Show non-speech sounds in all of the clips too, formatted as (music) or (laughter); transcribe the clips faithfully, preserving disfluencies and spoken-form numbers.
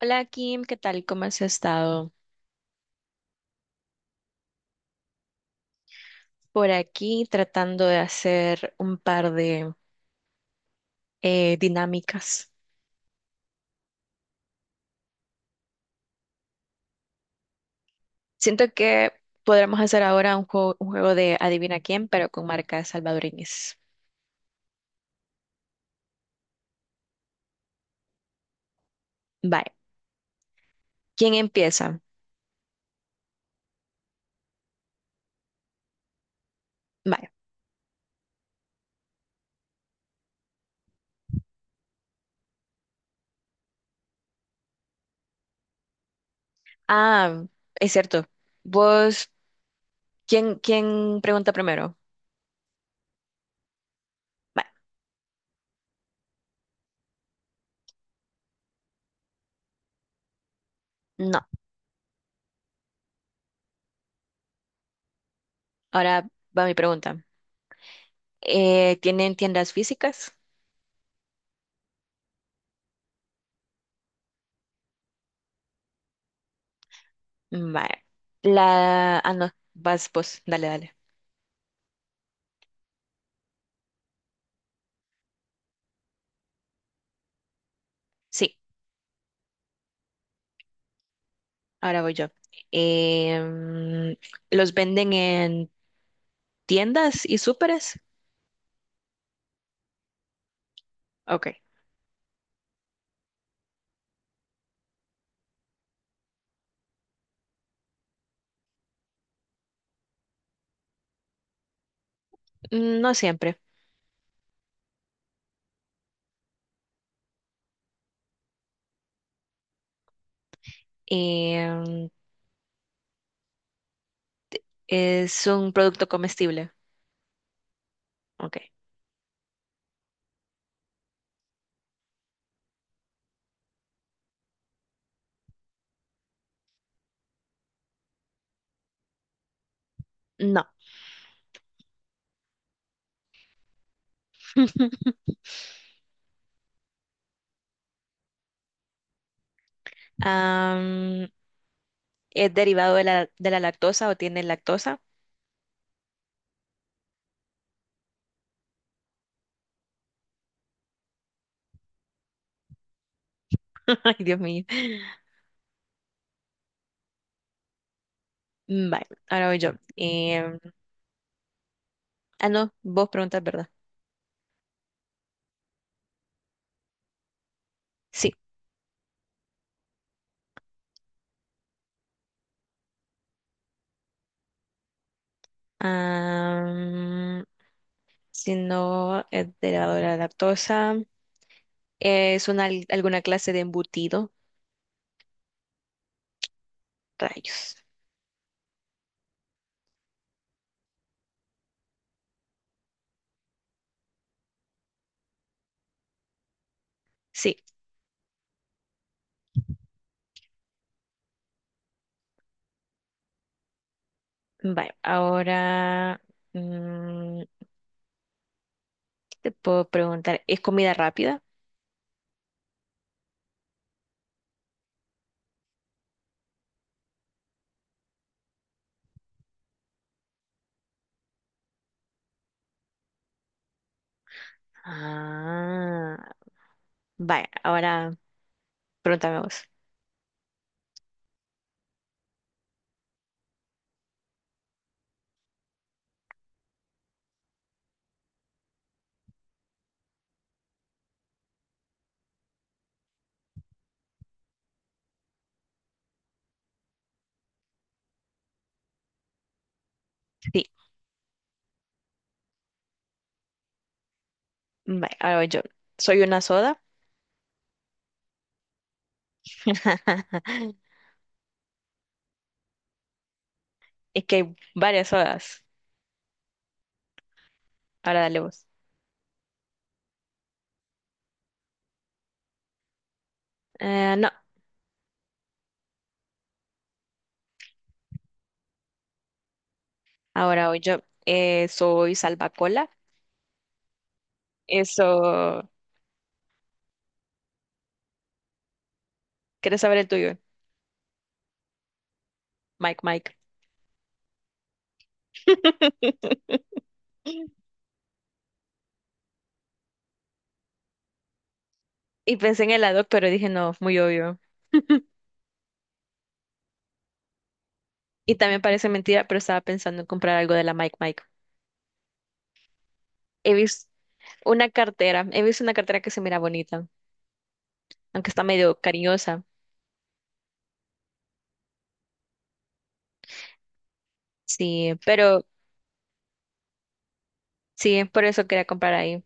Hola Kim, ¿qué tal? ¿Cómo has estado? Por aquí tratando de hacer un par de eh, dinámicas. Siento que podremos hacer ahora un juego, un juego de adivina quién, pero con marcas salvadoreñas. Vale. ¿Quién empieza? Vale. Ah, es cierto. Vos, ¿quién, quién pregunta primero? Vale. No. Ahora va mi pregunta. Eh, ¿tienen tiendas físicas? Vale. La... Ah, no. Vas vos. Dale, dale. Sí. Ahora voy yo. Em, ¿los venden en tiendas y súperes? Ok. Mm, no siempre. Em, ¿es un producto comestible? Ok. No. (laughs) Am, ¿es derivado de la, de la lactosa o tiene lactosa? (laughs) Ay, Dios mío. Mm, vale, ahora voy yo. Em, ah, no, vos preguntas, ¿verdad? Sí. Am, si no es derivado de la lactosa, ¿es una, alguna clase de embutido? Rayos. Sí, vale. Ahora, mm, ¿qué te puedo preguntar? ¿Es comida rápida? Ah, vale. Ahora, pregúntame vos. Sí, vale. Ahora voy yo. ¿Soy una soda? (laughs) Es que hay varias sodas. Ahora dale vos. Eh, no, ahora voy yo. Eh, ¿soy salvacola? Eso. ¿Quieres saber el tuyo? Mike, Mike. (laughs) Y pensé en helado, pero dije, no, muy obvio. Y también parece mentira, pero estaba pensando en comprar algo de la Mike Mike. He visto una cartera, he visto una cartera que se mira bonita, aunque está medio cariñosa. Sí, pero sí, por eso quería comprar ahí,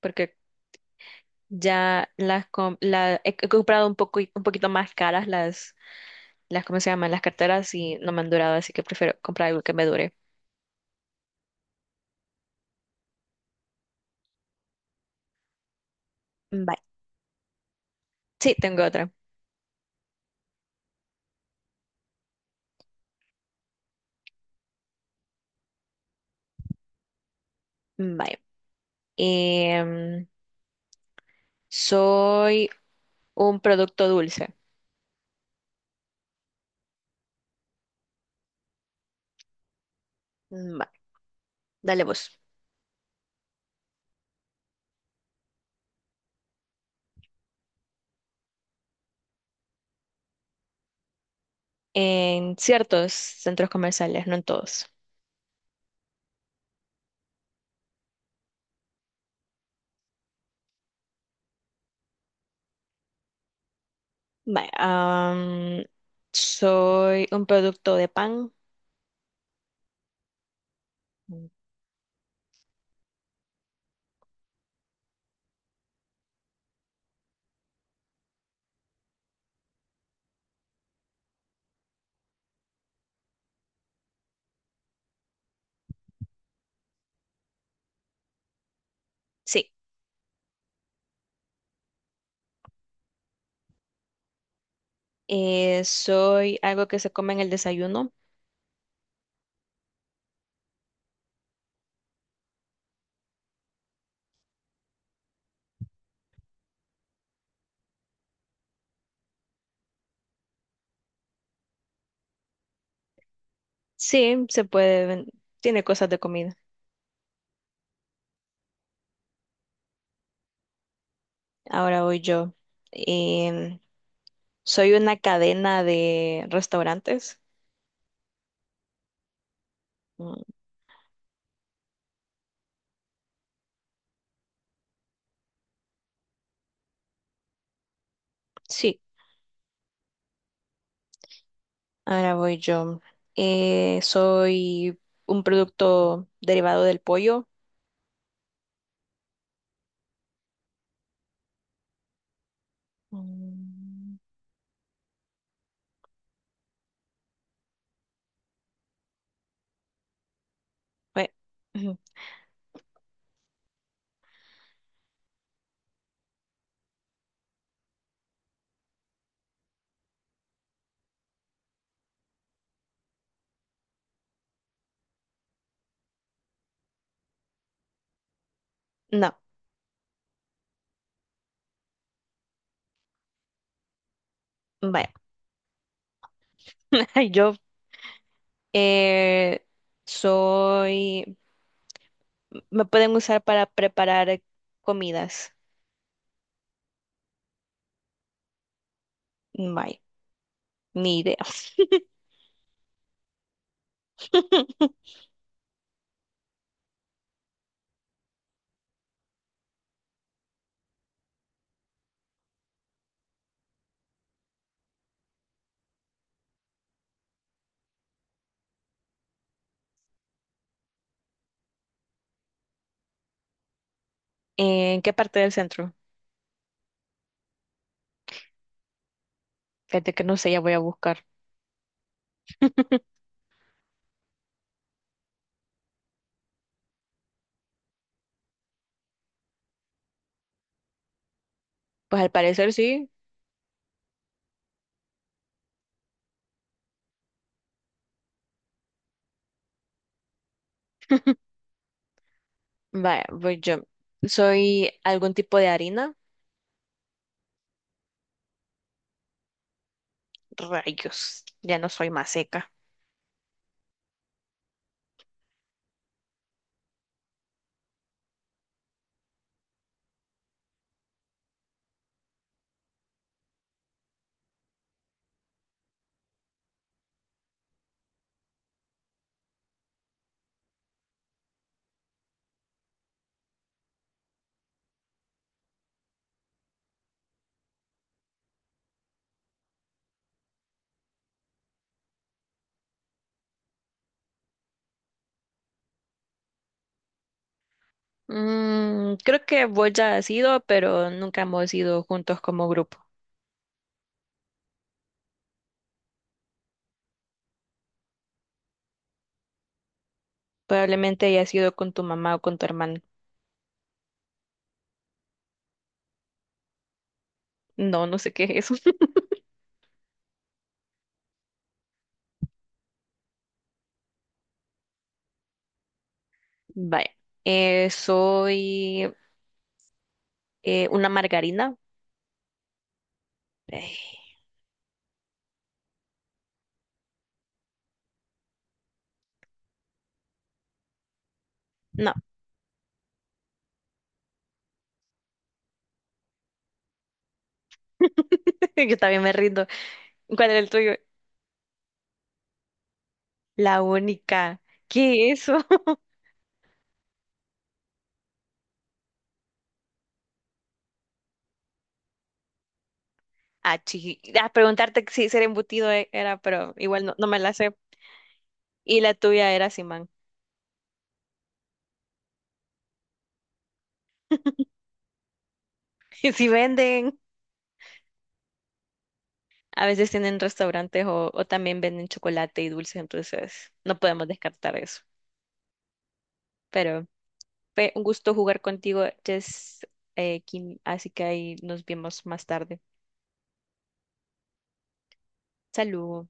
porque ya las com- la, he, he comprado un poco, un poquito más caras las, las, ¿cómo se llaman? Las carteras y no me han durado, así que prefiero comprar algo que me dure. Bye. Sí, tengo otra. Bye. Em, soy un producto dulce. Bye. Dale vos. En ciertos centros comerciales, no en todos. Vale, am, soy un producto de pan. Sí. Eh, soy algo que se come en el desayuno. Sí, se puede. ven- Tiene cosas de comida. Ahora voy yo. Em, soy una cadena de restaurantes. Mm, sí, ahora voy yo. Eh, soy un producto derivado del pollo. Mm, bue- ujú. (laughs) No. Bueno, (laughs) yo eh, soy, me pueden usar para preparar comidas. Vaya, ni idea. (laughs) ¿En qué parte del centro? Fíjate que no sé, ya voy a buscar. (laughs) Pues al parecer sí. (laughs) Vaya, voy yo. Soy algún tipo de harina. Rayos, ya no soy más seca. Mm, creo que vos ya has ido, pero nunca hemos ido juntos como grupo. Probablemente hayas ido con tu mamá o con tu hermana. No, no sé qué es eso. (laughs) Vaya. Eh, soy eh, una margarina. Ay, no, (laughs) yo también me rindo. ¿Cuál era el tuyo? La única. ¿Qué es eso? (laughs) Ah, chi- ah, preguntarte si ser embutido e- era, pero igual no, no me la sé. Y la tuya era Simán. (laughs) Si venden, a veces tienen restaurantes o, o también venden chocolate y dulces, entonces no podemos descartar eso. Pero fue un gusto jugar contigo, Jess, eh, Kim, así que ahí nos vemos más tarde. Salud.